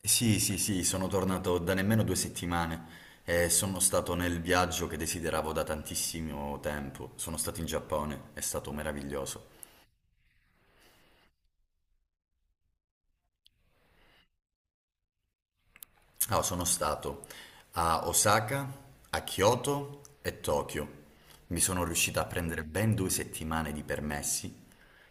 Sì, sì, sì, sono tornato da nemmeno 2 settimane e sono stato nel viaggio che desideravo da tantissimo tempo. Sono stato in Giappone, è stato meraviglioso. Ah, sono stato a Osaka, a Kyoto e Tokyo. Mi sono riuscito a prendere ben 2 settimane di permessi,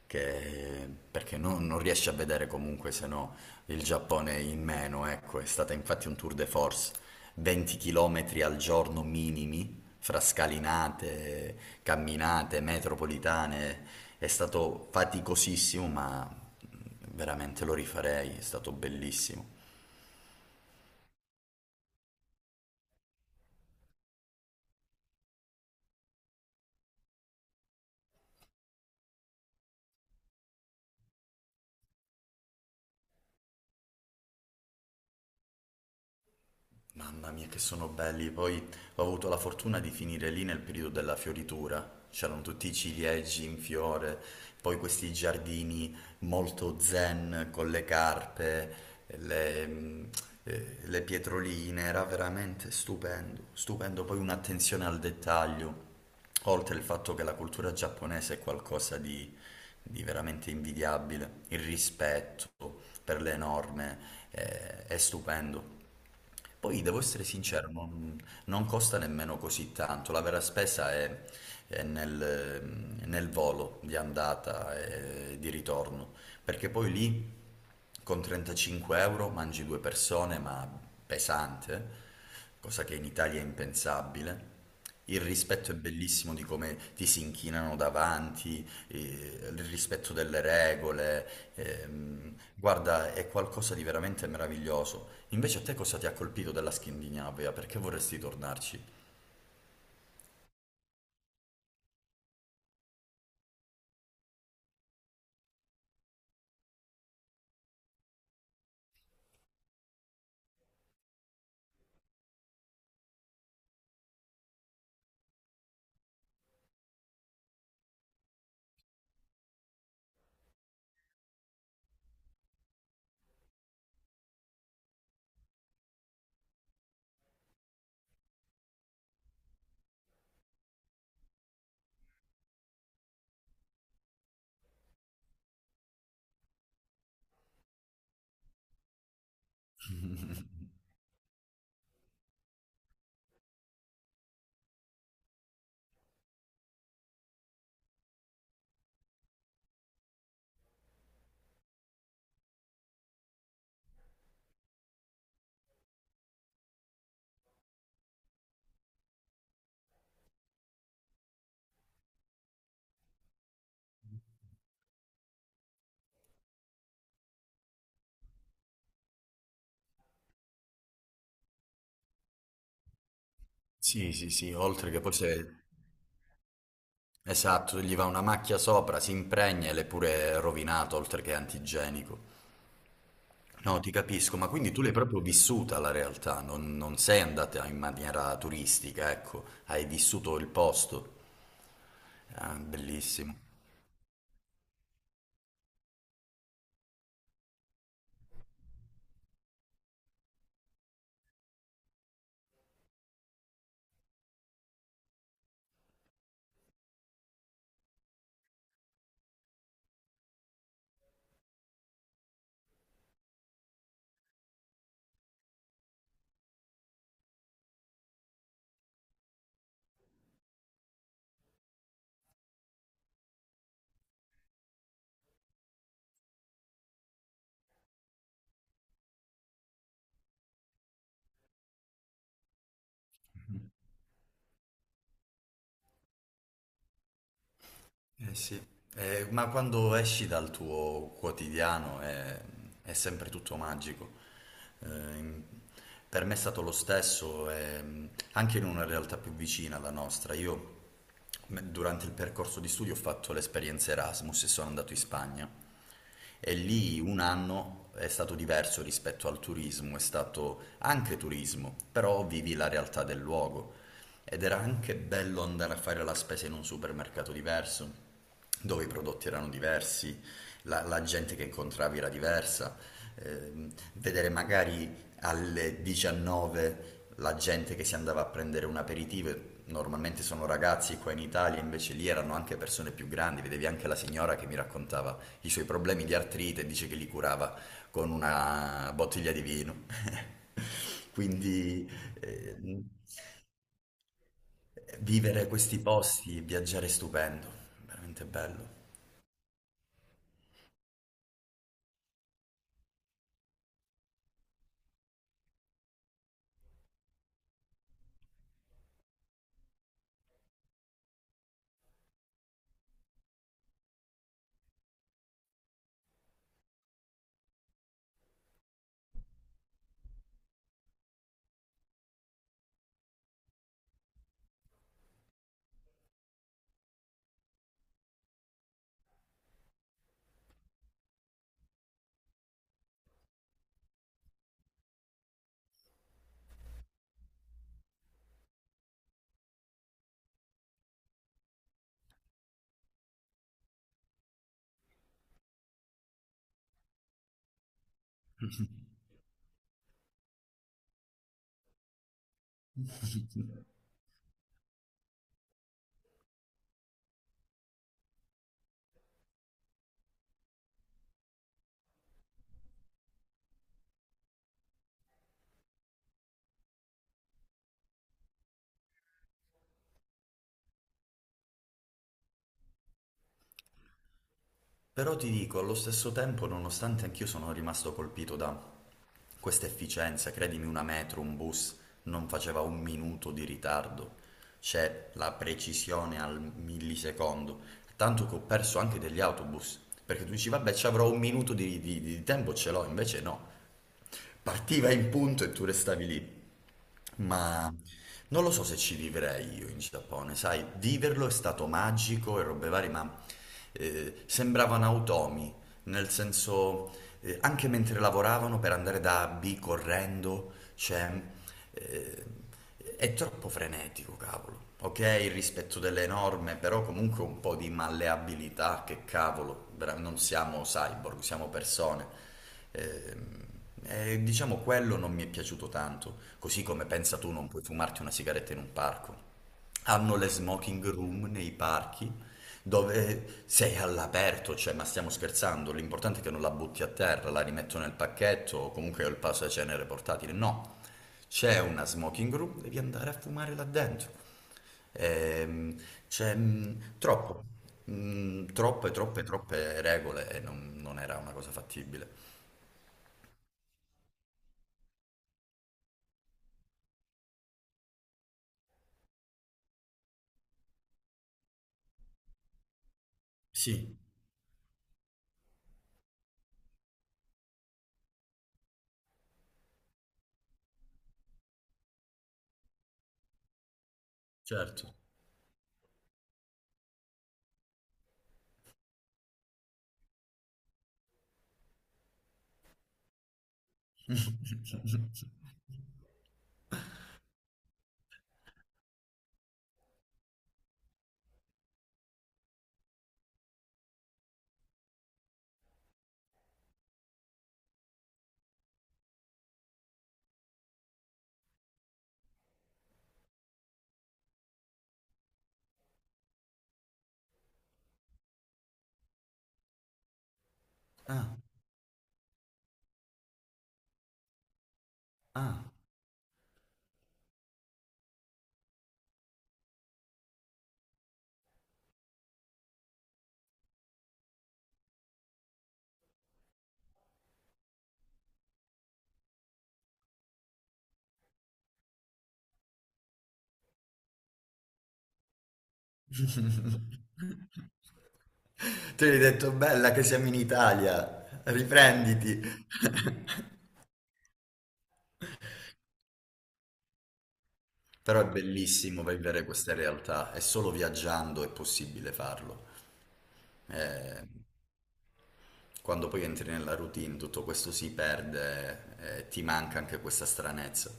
che- perché no- non riesci a vedere comunque se no il Giappone in meno, ecco, è stata infatti un tour de force, 20 km al giorno minimi, fra scalinate, camminate, metropolitane, è stato faticosissimo, ma veramente lo rifarei, è stato bellissimo. Mamma mia, che sono belli. Poi ho avuto la fortuna di finire lì nel periodo della fioritura. C'erano tutti i ciliegi in fiore, poi questi giardini molto zen con le carpe, le, mm, le pietroline. Era veramente stupendo, stupendo. Poi un'attenzione al dettaglio, oltre il fatto che la cultura giapponese è qualcosa di veramente invidiabile. Il rispetto per le norme è stupendo. Poi devo essere sincero, non costa nemmeno così tanto. La vera spesa è nel volo di andata e di ritorno, perché poi lì con 35 euro mangi due persone, ma pesante, eh? Cosa che in Italia è impensabile. Il rispetto è bellissimo di come ti si inchinano davanti, il rispetto delle regole, guarda, è qualcosa di veramente meraviglioso. Invece a te cosa ti ha colpito della Scandinavia? Perché vorresti tornarci? Sì, sì, sì, oltre che poi se... Esatto, gli va una macchia sopra, si impregna e l'è pure rovinato, oltre che antigenico. No, ti capisco, ma quindi tu l'hai proprio vissuta la realtà, non sei andata in maniera turistica, ecco, hai vissuto il posto. Ah, bellissimo. Eh sì. Ma quando esci dal tuo quotidiano è sempre tutto magico. Eh, per me è stato lo stesso, anche in una realtà più vicina alla nostra. Io durante il percorso di studio ho fatto l'esperienza Erasmus e sono andato in Spagna. E lì un anno è stato diverso rispetto al turismo, è stato anche turismo, però vivi la realtà del luogo. Ed era anche bello andare a fare la spesa in un supermercato diverso, dove i prodotti erano diversi, la gente che incontravi era diversa, vedere magari alle 19 la gente che si andava a prendere un aperitivo, e normalmente sono ragazzi qua in Italia, invece lì erano anche persone più grandi, vedevi anche la signora che mi raccontava i suoi problemi di artrite e dice che li curava con una bottiglia di vino. Quindi... eh, Vivere questi posti, viaggiare è stupendo, veramente bello. Però ti dico, allo stesso tempo, nonostante anch'io sono rimasto colpito da questa efficienza, credimi, una metro, un bus non faceva un minuto di ritardo, c'è la precisione al millisecondo, tanto che ho perso anche degli autobus, perché tu dici, vabbè, ci avrò un minuto di tempo, ce l'ho, invece no, partiva in punto e tu restavi lì. Ma non lo so se ci vivrei io in Giappone, sai, viverlo è stato magico e robe varie, ma sembravano automi, nel senso, anche mentre lavoravano per andare da A a B correndo, cioè, eh, è troppo frenetico, cavolo. Ok, il rispetto delle norme, però comunque un po' di malleabilità, che cavolo, non siamo cyborg, siamo persone. Ehm, E, diciamo quello non mi è piaciuto tanto, così come pensa tu non puoi fumarti una sigaretta in un parco. Hanno le smoking room nei parchi dove sei all'aperto, cioè ma stiamo scherzando, l'importante è che non la butti a terra, la rimetto nel pacchetto o comunque ho il cenere portatile. No, c'è una smoking room, devi andare a fumare là dentro. Ehm, c'è troppo, troppe, troppe, troppe regole e non era una cosa fattibile. Sì, certo. Ah, ah. Tu gli hai detto bella che siamo in Italia, riprenditi. Però è bellissimo vivere queste realtà, è solo viaggiando è possibile farlo. Eh, quando poi entri nella routine tutto questo si perde, e ti manca anche questa stranezza.